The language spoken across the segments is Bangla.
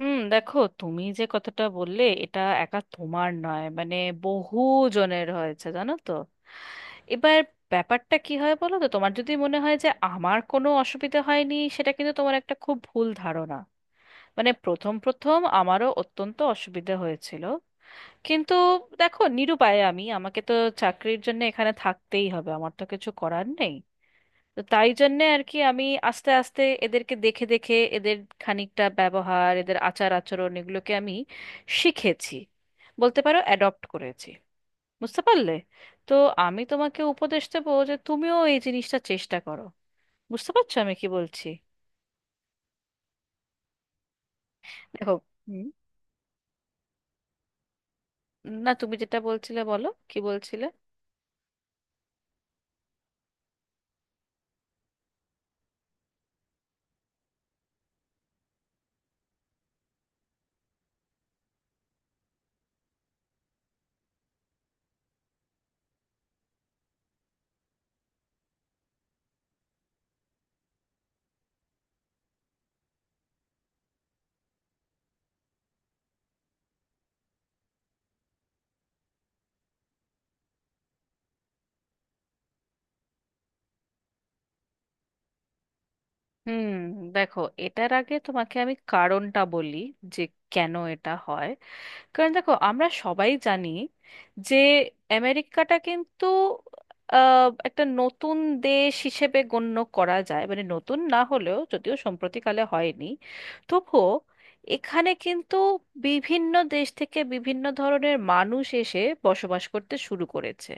হুম, দেখো, তুমি যে কথাটা বললে এটা একা তোমার নয়, মানে বহু জনের হয়েছে, জানো তো। এবার ব্যাপারটা কি হয় বলো তো, তোমার যদি মনে হয় যে আমার কোনো অসুবিধা হয়নি, সেটা কিন্তু তোমার একটা খুব ভুল ধারণা। মানে প্রথম প্রথম আমারও অত্যন্ত অসুবিধা হয়েছিল, কিন্তু দেখো, নিরুপায় আমি, আমাকে তো চাকরির জন্য এখানে থাকতেই হবে, আমার তো কিছু করার নেই। তো তাই জন্যে আর কি, আমি আস্তে আস্তে এদেরকে দেখে দেখে এদের খানিকটা ব্যবহার, এদের আচার আচরণ, এগুলোকে আমি শিখেছি, বলতে পারো অ্যাডপ্ট করেছি। বুঝতে পারলে? তো আমি তোমাকে উপদেশ দেবো যে তুমিও এই জিনিসটা চেষ্টা করো। বুঝতে পারছো আমি কি বলছি? দেখো। হুম। না, তুমি যেটা বলছিলে বলো, কি বলছিলে? হুম, দেখো, এটার আগে তোমাকে আমি কারণটা বলি, যে কেন এটা হয়। কারণ দেখো, আমরা সবাই জানি যে আমেরিকাটা কিন্তু একটা নতুন দেশ হিসেবে গণ্য করা যায়, মানে নতুন না হলেও, যদিও সম্প্রতিকালে হয়নি, তবুও এখানে কিন্তু বিভিন্ন দেশ থেকে বিভিন্ন ধরনের মানুষ এসে বসবাস করতে শুরু করেছে,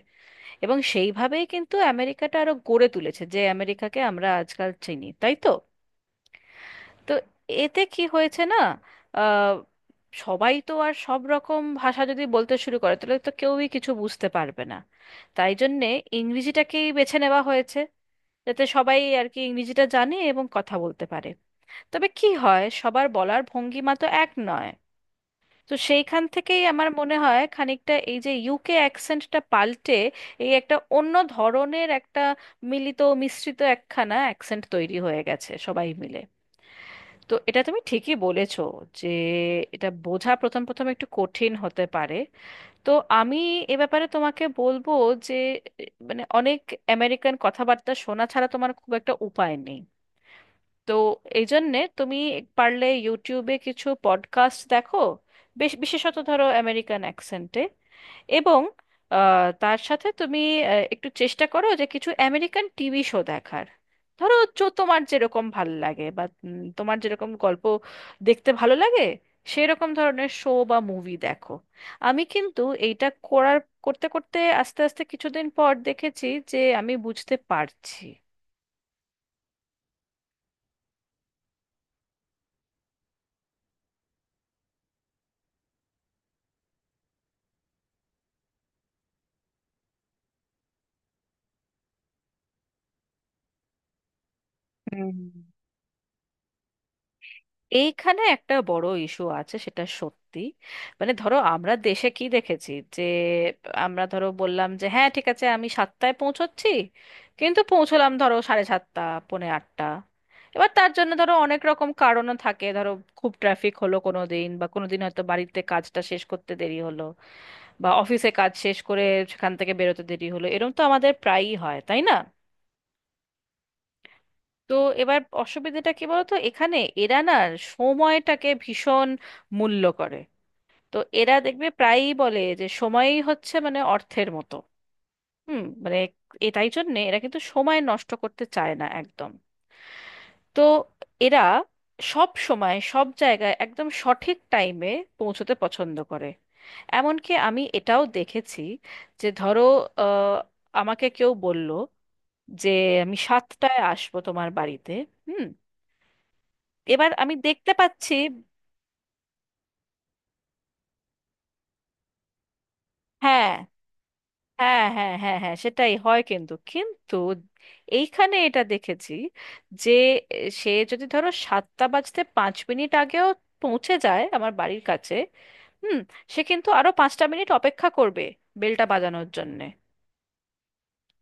এবং সেইভাবেই কিন্তু আমেরিকাটা আরো গড়ে তুলেছে, যে আমেরিকাকে আমরা আজকাল চিনি, তাই তো? তো এতে কি হয়েছে না, আহ, সবাই তো আর সব রকম ভাষা যদি বলতে শুরু করে, তাহলে তো কেউই কিছু বুঝতে পারবে না। তাই জন্যে ইংরেজিটাকেই বেছে নেওয়া হয়েছে, যাতে সবাই আর কি ইংরেজিটা জানে এবং কথা বলতে পারে। তবে কি হয়, সবার বলার ভঙ্গিমা তো এক নয়। তো সেইখান থেকেই আমার মনে হয় খানিকটা এই যে ইউকে অ্যাকসেন্টটা পাল্টে এই একটা অন্য ধরনের একটা মিলিত মিশ্রিত একখানা অ্যাকসেন্ট তৈরি হয়ে গেছে সবাই মিলে। তো এটা তুমি ঠিকই বলেছো, যে এটা বোঝা প্রথম প্রথম একটু কঠিন হতে পারে। তো আমি এ ব্যাপারে তোমাকে বলবো যে মানে অনেক আমেরিকান কথাবার্তা শোনা ছাড়া তোমার খুব একটা উপায় নেই। তো এই জন্যে তুমি পারলে ইউটিউবে কিছু পডকাস্ট দেখো, বেশ বিশেষত ধরো আমেরিকান অ্যাকসেন্টে। এবং তার সাথে তুমি একটু চেষ্টা করো যে কিছু আমেরিকান টিভি শো দেখার। ধরো তোমার যেরকম ভাল লাগে, বা তোমার যেরকম গল্প দেখতে ভালো লাগে, সেরকম ধরনের শো বা মুভি দেখো। আমি কিন্তু এইটা করার, করতে করতে আস্তে আস্তে কিছুদিন পর দেখেছি যে আমি বুঝতে পারছি। হুম, এইখানে একটা বড় ইস্যু আছে, সেটা সত্যি। মানে ধরো আমরা দেশে কি দেখেছি, যে আমরা ধরো বললাম যে হ্যাঁ ঠিক আছে, আমি 7টায় পৌঁছচ্ছি, কিন্তু পৌঁছলাম ধরো সাড়ে 7টা, পৌনে 8টা। এবার তার জন্য ধরো অনেক রকম কারণও থাকে, ধরো খুব ট্রাফিক হলো কোনো দিন, বা কোনো দিন হয়তো বাড়িতে কাজটা শেষ করতে দেরি হলো, বা অফিসে কাজ শেষ করে সেখান থেকে বেরোতে দেরি হলো, এরকম তো আমাদের প্রায়ই হয় তাই না। তো এবার অসুবিধাটা কি বলতো, এখানে এরা না সময়টাকে ভীষণ মূল্য করে। তো এরা দেখবে প্রায়ই বলে, যে সময়ই হচ্ছে মানে অর্থের মতো। হুম, মানে এটাই জন্যে এরা কিন্তু সময় নষ্ট করতে চায় না একদম। তো এরা সব সময় সব জায়গায় একদম সঠিক টাইমে পৌঁছতে পছন্দ করে। এমনকি আমি এটাও দেখেছি, যে ধরো আহ, আমাকে কেউ বলল যে আমি 7টায় আসবো তোমার বাড়িতে। হুম, এবার আমি দেখতে পাচ্ছি। হ্যাঁ, হ্যাঁ, হ্যাঁ, হ্যাঁ, হ্যাঁ, সেটাই হয়, কিন্তু কিন্তু এইখানে এটা দেখেছি, যে এ, সে যদি ধরো 7টা বাজতে 5 মিনিট আগেও পৌঁছে যায় আমার বাড়ির কাছে, হুম, সে কিন্তু আরো 5টা মিনিট অপেক্ষা করবে বেলটা বাজানোর জন্যে।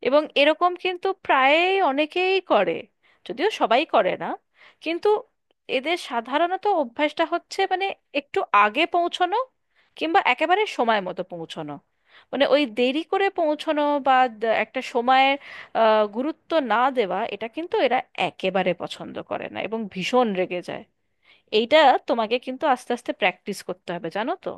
এবং এরকম কিন্তু প্রায় অনেকেই করে, যদিও সবাই করে না। কিন্তু এদের সাধারণত অভ্যাসটা হচ্ছে মানে একটু আগে পৌঁছানো, কিংবা একেবারে সময় মতো পৌঁছানো। মানে ওই দেরি করে পৌঁছানো বা একটা সময়ের গুরুত্ব না দেওয়া এটা কিন্তু এরা একেবারে পছন্দ করে না এবং ভীষণ রেগে যায়। এইটা তোমাকে কিন্তু আস্তে আস্তে প্র্যাকটিস করতে হবে, জানো তো।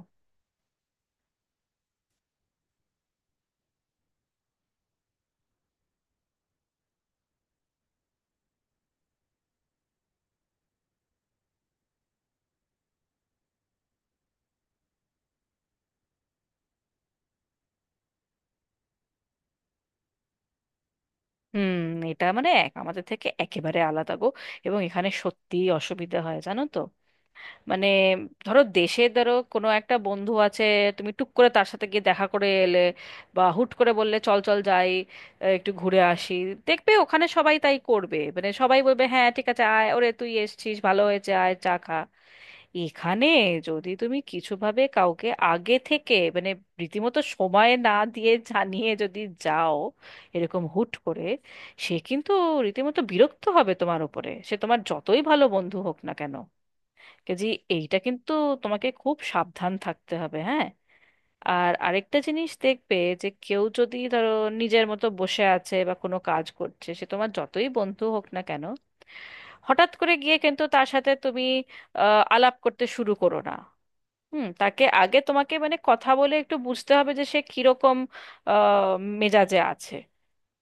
হুম, এটা মানে এক আমাদের থেকে একেবারে আলাদা গো, এবং এখানে সত্যিই অসুবিধা হয়, জানো তো। মানে ধরো দেশে, ধরো কোনো একটা বন্ধু আছে, তুমি টুক করে তার সাথে গিয়ে দেখা করে এলে, বা হুট করে বললে চল চল যাই, একটু ঘুরে আসি। দেখবে ওখানে সবাই তাই করবে, মানে সবাই বলবে হ্যাঁ ঠিক আছে আয়, ওরে তুই এসেছিস ভালো হয়েছে, আয় চা খা। এখানে যদি তুমি কিছুভাবে কাউকে আগে থেকে, মানে রীতিমতো সময় না দিয়ে জানিয়ে যদি যাও, এরকম হুট করে, সে কিন্তু রীতিমতো বিরক্ত হবে তোমার উপরে, সে তোমার যতই ভালো বন্ধু হোক না কেন। কাজে এইটা কিন্তু তোমাকে খুব সাবধান থাকতে হবে, হ্যাঁ। আর আরেকটা জিনিস দেখবে, যে কেউ যদি ধরো নিজের মতো বসে আছে বা কোনো কাজ করছে, সে তোমার যতই বন্ধু হোক না কেন, হঠাৎ করে গিয়ে কিন্তু তার সাথে তুমি আলাপ করতে শুরু করো না। হুম, তাকে আগে তোমাকে মানে কথা বলে একটু বুঝতে হবে যে সে কিরকম আহ, মেজাজে আছে।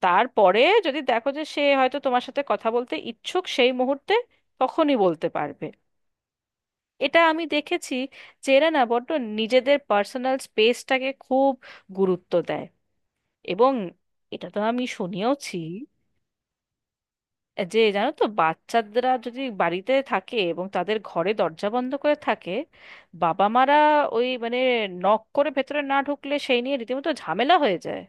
তারপরে যদি দেখো যে সে হয়তো তোমার সাথে কথা বলতে ইচ্ছুক সেই মুহূর্তে, তখনই বলতে পারবে। এটা আমি দেখেছি, যে এরা না বড্ড নিজেদের পার্সোনাল স্পেসটাকে খুব গুরুত্ব দেয়। এবং এটা তো আমি শুনিয়েওছি, যে জানো তো বাচ্চারা যদি বাড়িতে থাকে এবং তাদের ঘরে দরজা বন্ধ করে থাকে, বাবা মারা ওই মানে নক করে ভেতরে না ঢুকলে সেই নিয়ে রীতিমতো ঝামেলা হয়ে যায়।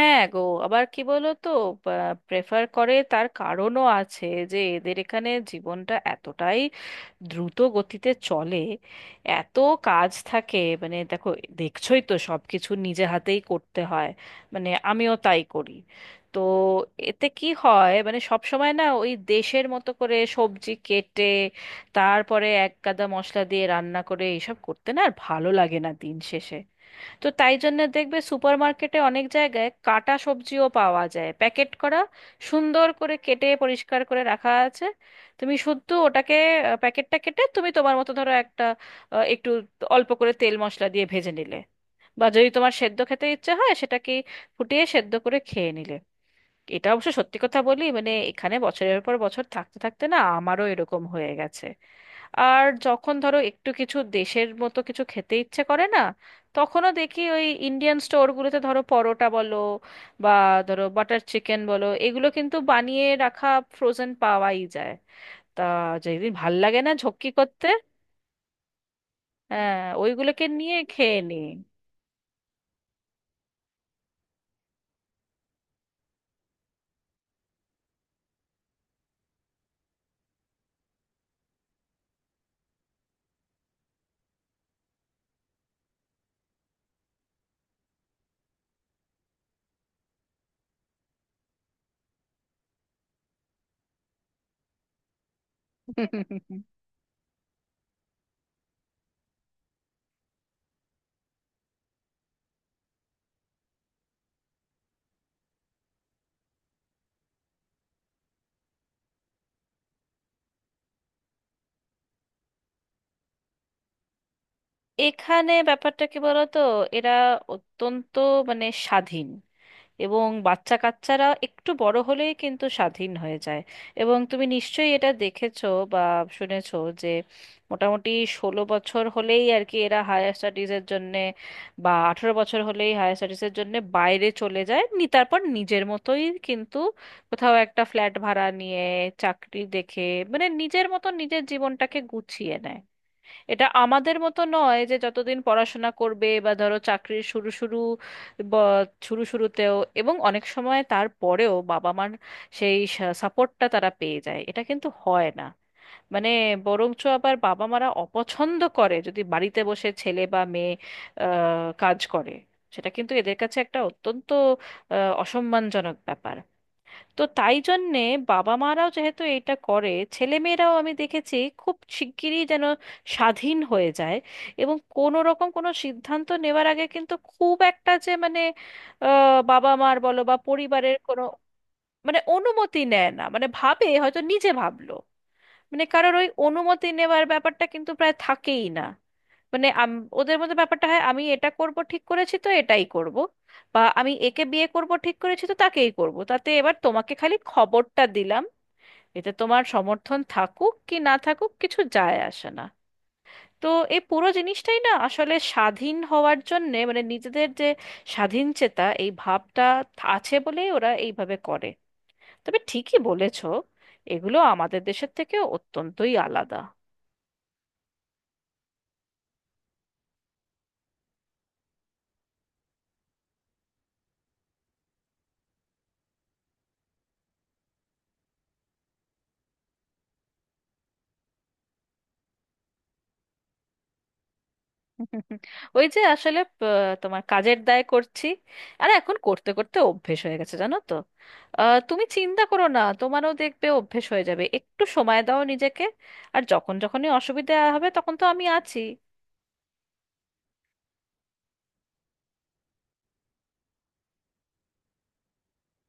হ্যাঁ গো। আবার কি বলো তো, প্রেফার করে তার কারণও আছে, যে এদের এখানে জীবনটা এতটাই দ্রুত গতিতে চলে, এত কাজ থাকে। মানে দেখো, দেখছোই তো সব কিছু নিজে হাতেই করতে হয়, মানে আমিও তাই করি। তো এতে কি হয় মানে সব সময় না ওই দেশের মতো করে সবজি কেটে, তারপরে এক গাদা মশলা দিয়ে রান্না করে এইসব করতে না আর ভালো লাগে না দিন শেষে। তো তাই জন্য দেখবে সুপারমার্কেটে অনেক জায়গায় কাটা সবজিও পাওয়া যায় প্যাকেট করা, সুন্দর করে কেটে পরিষ্কার করে রাখা আছে। তুমি শুদ্ধ ওটাকে প্যাকেটটা কেটে তুমি তোমার মতো ধরো একটা একটু অল্প করে তেল মশলা দিয়ে ভেজে নিলে, বা যদি তোমার সেদ্ধ খেতে ইচ্ছে হয় সেটাকে ফুটিয়ে সেদ্ধ করে খেয়ে নিলে। এটা অবশ্য সত্যি কথা বলি, মানে এখানে বছরের পর বছর থাকতে থাকতে না আমারও এরকম হয়ে গেছে। আর যখন ধরো একটু কিছু দেশের মতো কিছু খেতে ইচ্ছে করে না, তখনও দেখি ওই ইন্ডিয়ান স্টোরগুলোতে ধরো পরোটা বলো, বা ধরো বাটার চিকেন বলো, এগুলো কিন্তু বানিয়ে রাখা ফ্রোজেন পাওয়াই যায়। তা যেদিন ভাল লাগে না ঝক্কি করতে, হ্যাঁ ওইগুলোকে নিয়ে খেয়ে নিই। এখানে ব্যাপারটা কি বলতো, এরা অত্যন্ত মানে স্বাধীন, এবং বাচ্চা কাচ্চারা একটু বড় হলেই কিন্তু স্বাধীন হয়ে যায়। এবং তুমি নিশ্চয়ই এটা দেখেছো বা শুনেছো, যে মোটামুটি 16 বছর হলেই আর কি এরা হায়ার স্টাডিজের জন্যে, বা 18 বছর হলেই হায়ার স্টাডিজের জন্যে বাইরে চলে যায় নি, তারপর নিজের মতোই কিন্তু কোথাও একটা ফ্ল্যাট ভাড়া নিয়ে, চাকরি দেখে, মানে নিজের মতো নিজের জীবনটাকে গুছিয়ে নেয়। এটা আমাদের মতো নয় যে যতদিন পড়াশোনা করবে, বা ধরো চাকরির শুরু শুরু, শুরু শুরুতেও এবং অনেক সময় তারপরেও বাবা মার সেই সাপোর্টটা তারা পেয়ে যায়, এটা কিন্তু হয় না। মানে বরঞ্চ আবার বাবা মারা অপছন্দ করে যদি বাড়িতে বসে ছেলে বা মেয়ে কাজ করে, সেটা কিন্তু এদের কাছে একটা অত্যন্ত অসম্মানজনক ব্যাপার। তো তাই জন্যে বাবা মারাও যেহেতু এটা করে, ছেলে মেয়েরাও আমি দেখেছি খুব শিগগিরই যেন স্বাধীন হয়ে যায়। এবং কোনো রকম কোনো সিদ্ধান্ত নেওয়ার আগে কিন্তু খুব একটা যে মানে বাবা মার বলো বা পরিবারের কোনো মানে অনুমতি নেয় না, মানে ভাবে হয়তো নিজে ভাবলো, মানে কারোর ওই অনুমতি নেওয়ার ব্যাপারটা কিন্তু প্রায় থাকেই না। মানে ওদের মধ্যে ব্যাপারটা হয় আমি এটা করব ঠিক করেছি তো এটাই করব, বা আমি একে বিয়ে করব ঠিক করেছি তো তাকেই করব, তাতে এবার তোমাকে খালি খবরটা দিলাম। এতে তোমার সমর্থন থাকুক কি না থাকুক কিছু যায় আসে না। তো এই পুরো জিনিসটাই না আসলে স্বাধীন হওয়ার জন্যে, মানে নিজেদের যে স্বাধীন চেতা এই ভাবটা আছে বলেই ওরা এইভাবে করে। তবে ঠিকই বলেছো, এগুলো আমাদের দেশের থেকে অত্যন্তই আলাদা। ওই যে আসলে তোমার কাজের দায় করছি, আর এখন করতে করতে অভ্যেস হয়ে গেছে, জানো তো। তুমি চিন্তা করো না, তোমারও দেখবে অভ্যেস হয়ে যাবে, একটু সময় দাও নিজেকে। আর যখন যখনই অসুবিধা হবে তখন তো আমি আছি।